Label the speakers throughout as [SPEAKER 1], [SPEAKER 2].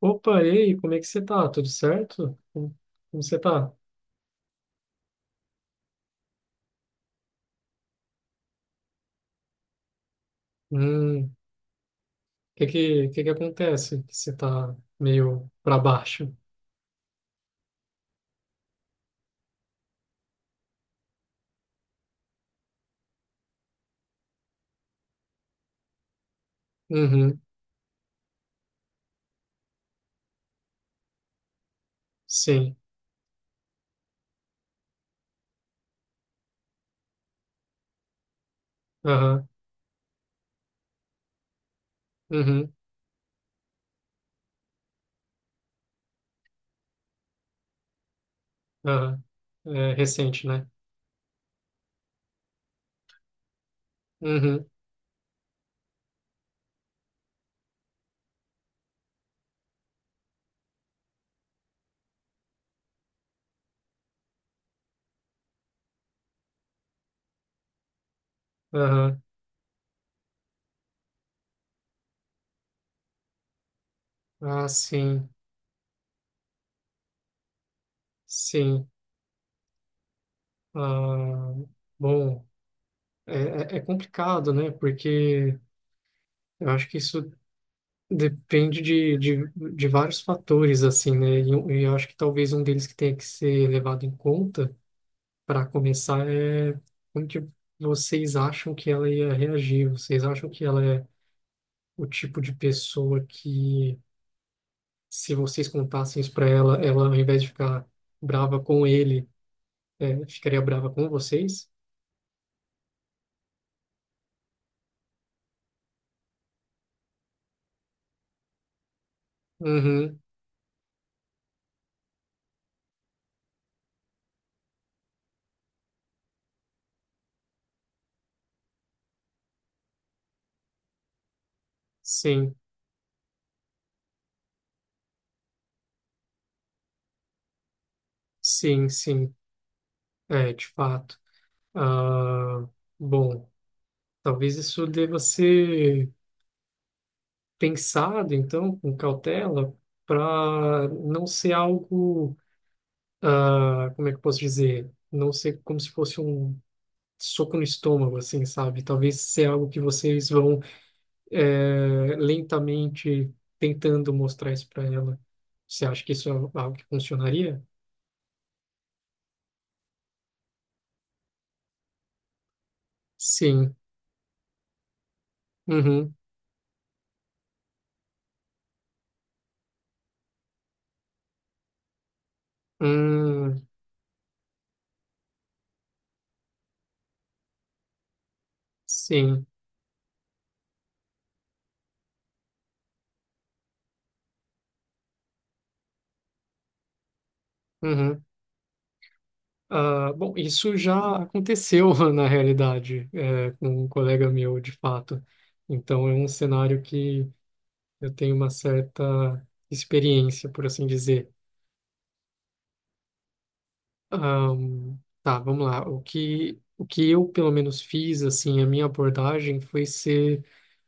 [SPEAKER 1] Opa, e aí, como é que você tá? Tudo certo? Como você tá? O que que acontece? Que você tá meio pra baixo? Uhum, sim, aham, uhum, aham. É recente, né? Uhum, aham. Ah, sim, sim. Ah, bom, é, é complicado, né? Porque eu acho que isso depende de vários fatores, assim, né? E, eu acho que talvez um deles que tenha que ser levado em conta para começar, é como que vocês acham que ela ia reagir? Vocês acham que ela é o tipo de pessoa que, se vocês contassem isso para ela, ela, ao invés de ficar brava com ele, ficaria brava com vocês? Uhum, sim, sim, sim, é, de fato. Ah, bom, talvez isso deva ser pensado, então, com cautela, para não ser algo, ah, como é que eu posso dizer? Não ser como se fosse um soco no estômago, assim, sabe? Talvez seja algo que vocês vão lentamente tentando mostrar isso para ela. Você acha que isso é algo que funcionaria? Sim. Uhum. Hum, sim. Uhum. Ah, bom, isso já aconteceu na realidade, com um colega meu, de fato. Então, é um cenário que eu tenho uma certa experiência, por assim dizer. Ahn, tá, vamos lá. O que eu, pelo menos, fiz, assim, a minha abordagem foi ser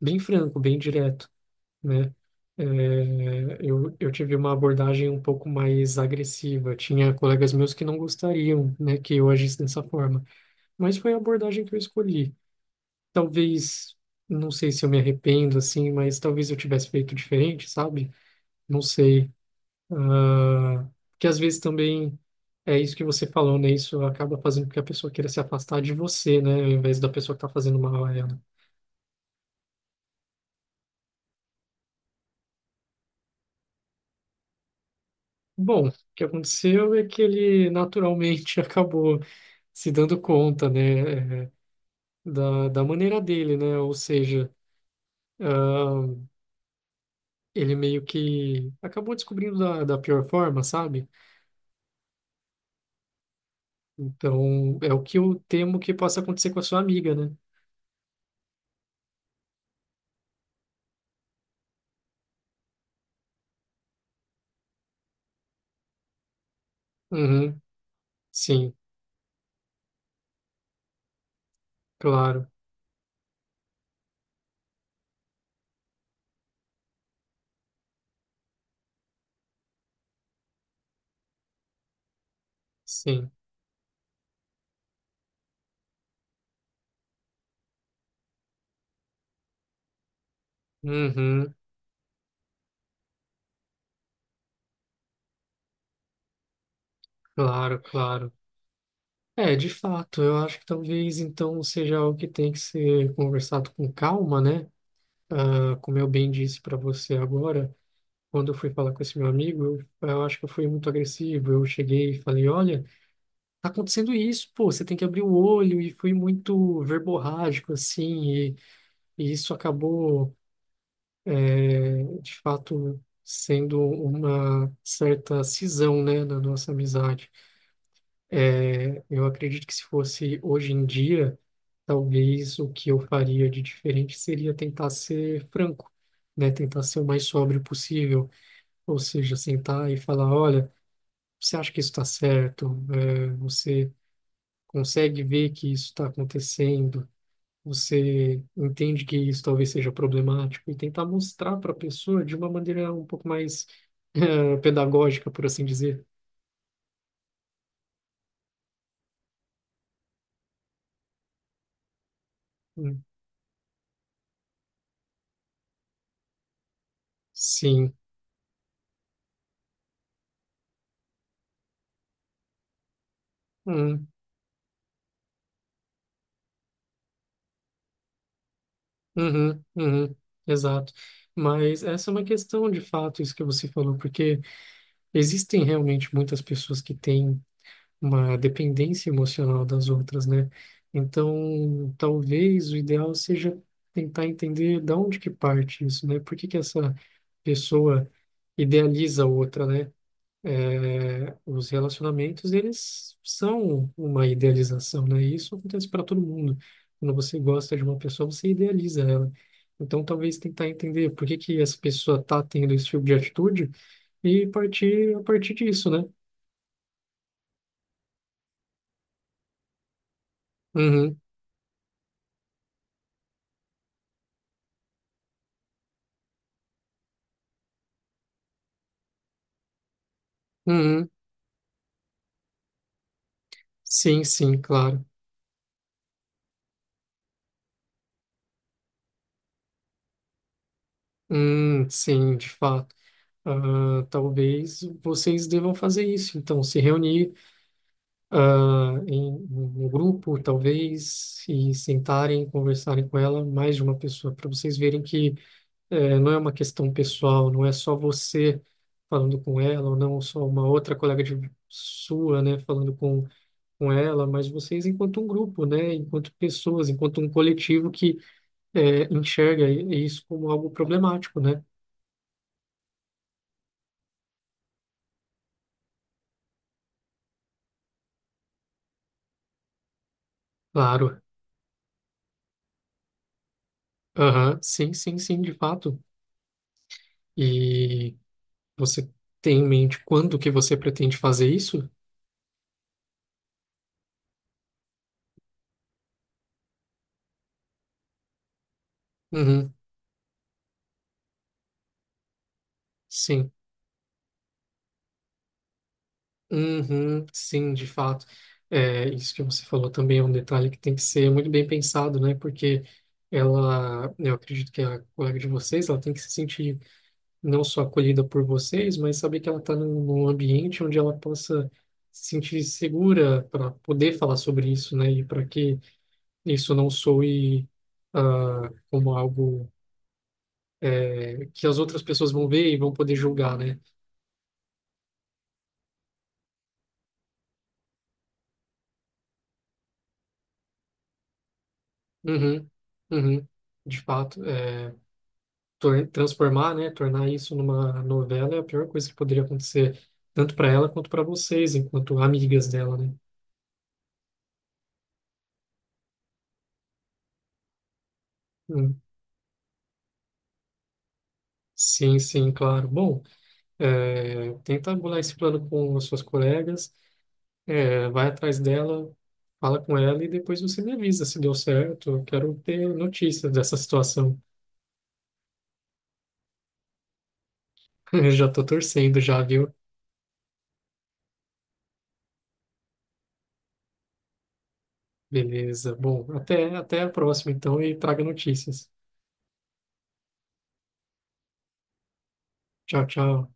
[SPEAKER 1] bem franco, bem direto, né? É, eu tive uma abordagem um pouco mais agressiva. Tinha colegas meus que não gostariam, né, que eu agisse dessa forma. Mas foi a abordagem que eu escolhi. Talvez, não sei se eu me arrependo, assim, mas talvez eu tivesse feito diferente, sabe? Não sei. Ah, que às vezes também é isso que você falou, né? Isso acaba fazendo com que a pessoa queira se afastar de você, né? Ao invés da pessoa que está fazendo mal a ela. Bom, o que aconteceu é que ele naturalmente acabou se dando conta, né? Da maneira dele, né? Ou seja, ah, ele meio que acabou descobrindo da pior forma, sabe? Então, é o que eu temo que possa acontecer com a sua amiga, né? Uhum, sim, claro, sim. Uhum. Claro, claro. É, de fato, eu acho que talvez então seja algo que tem que ser conversado com calma, né? Ah, como eu bem disse para você agora, quando eu fui falar com esse meu amigo, eu acho que eu fui muito agressivo. Eu cheguei e falei: olha, tá acontecendo isso, pô, você tem que abrir o olho. E fui muito verborrágico, assim, e isso acabou, de fato, sendo uma certa cisão, né, na nossa amizade. É, eu acredito que se fosse hoje em dia, talvez o que eu faria de diferente seria tentar ser franco, né? Tentar ser o mais sóbrio possível, ou seja, sentar e falar, olha, você acha que isso está certo? É, você consegue ver que isso está acontecendo? Você entende que isso talvez seja problemático? E tentar mostrar para a pessoa de uma maneira um pouco mais pedagógica, por assim dizer. Hum, Sim. Hum. Uhum, uhum, exato. Mas essa é uma questão de fato, isso que você falou, porque existem realmente muitas pessoas que têm uma dependência emocional das outras, né? Então, talvez o ideal seja tentar entender da onde que parte isso, né? Por que que essa pessoa idealiza a outra, né? É, os relacionamentos, eles são uma idealização, né? E isso acontece para todo mundo. Quando você gosta de uma pessoa, você idealiza ela. Então, talvez tentar entender por que que essa pessoa tá tendo esse tipo de atitude e partir a partir disso, né? Uhum, uhum. Sim, sim, claro. Sim, de fato. Ah, talvez vocês devam fazer isso. Então, se reunir, em um grupo, talvez, e sentarem, conversarem com ela, mais de uma pessoa, para vocês verem que não é uma questão pessoal, não é só você falando com ela, ou não só uma outra colega de sua, né, falando com ela, mas vocês enquanto um grupo, né, enquanto pessoas, enquanto um coletivo que enxerga isso como algo problemático, né? Claro. Aham, sim, sim, sim, de fato. E você tem em mente quando que você pretende fazer isso? Uhum, sim, uhum, sim, de fato. É, isso que você falou também é um detalhe que tem que ser muito bem pensado, né? Porque ela, né, eu acredito que a colega de vocês, ela tem que se sentir não só acolhida por vocês, mas saber que ela está num ambiente onde ela possa se sentir segura para poder falar sobre isso, né? E para que isso não soe, como algo, que as outras pessoas vão ver e vão poder julgar, né? Uhum, uhum, de fato. É transformar, né, tornar isso numa novela é a pior coisa que poderia acontecer, tanto para ela quanto para vocês, enquanto amigas dela, né? Hum, sim, sim, claro. Bom, tenta bolar esse plano com as suas colegas, vai atrás dela, fala com ela e depois você me avisa se deu certo. Eu quero ter notícias dessa situação. Eu já tô torcendo já, viu? Beleza. Bom, até a próxima então e traga notícias. Tchau, tchau.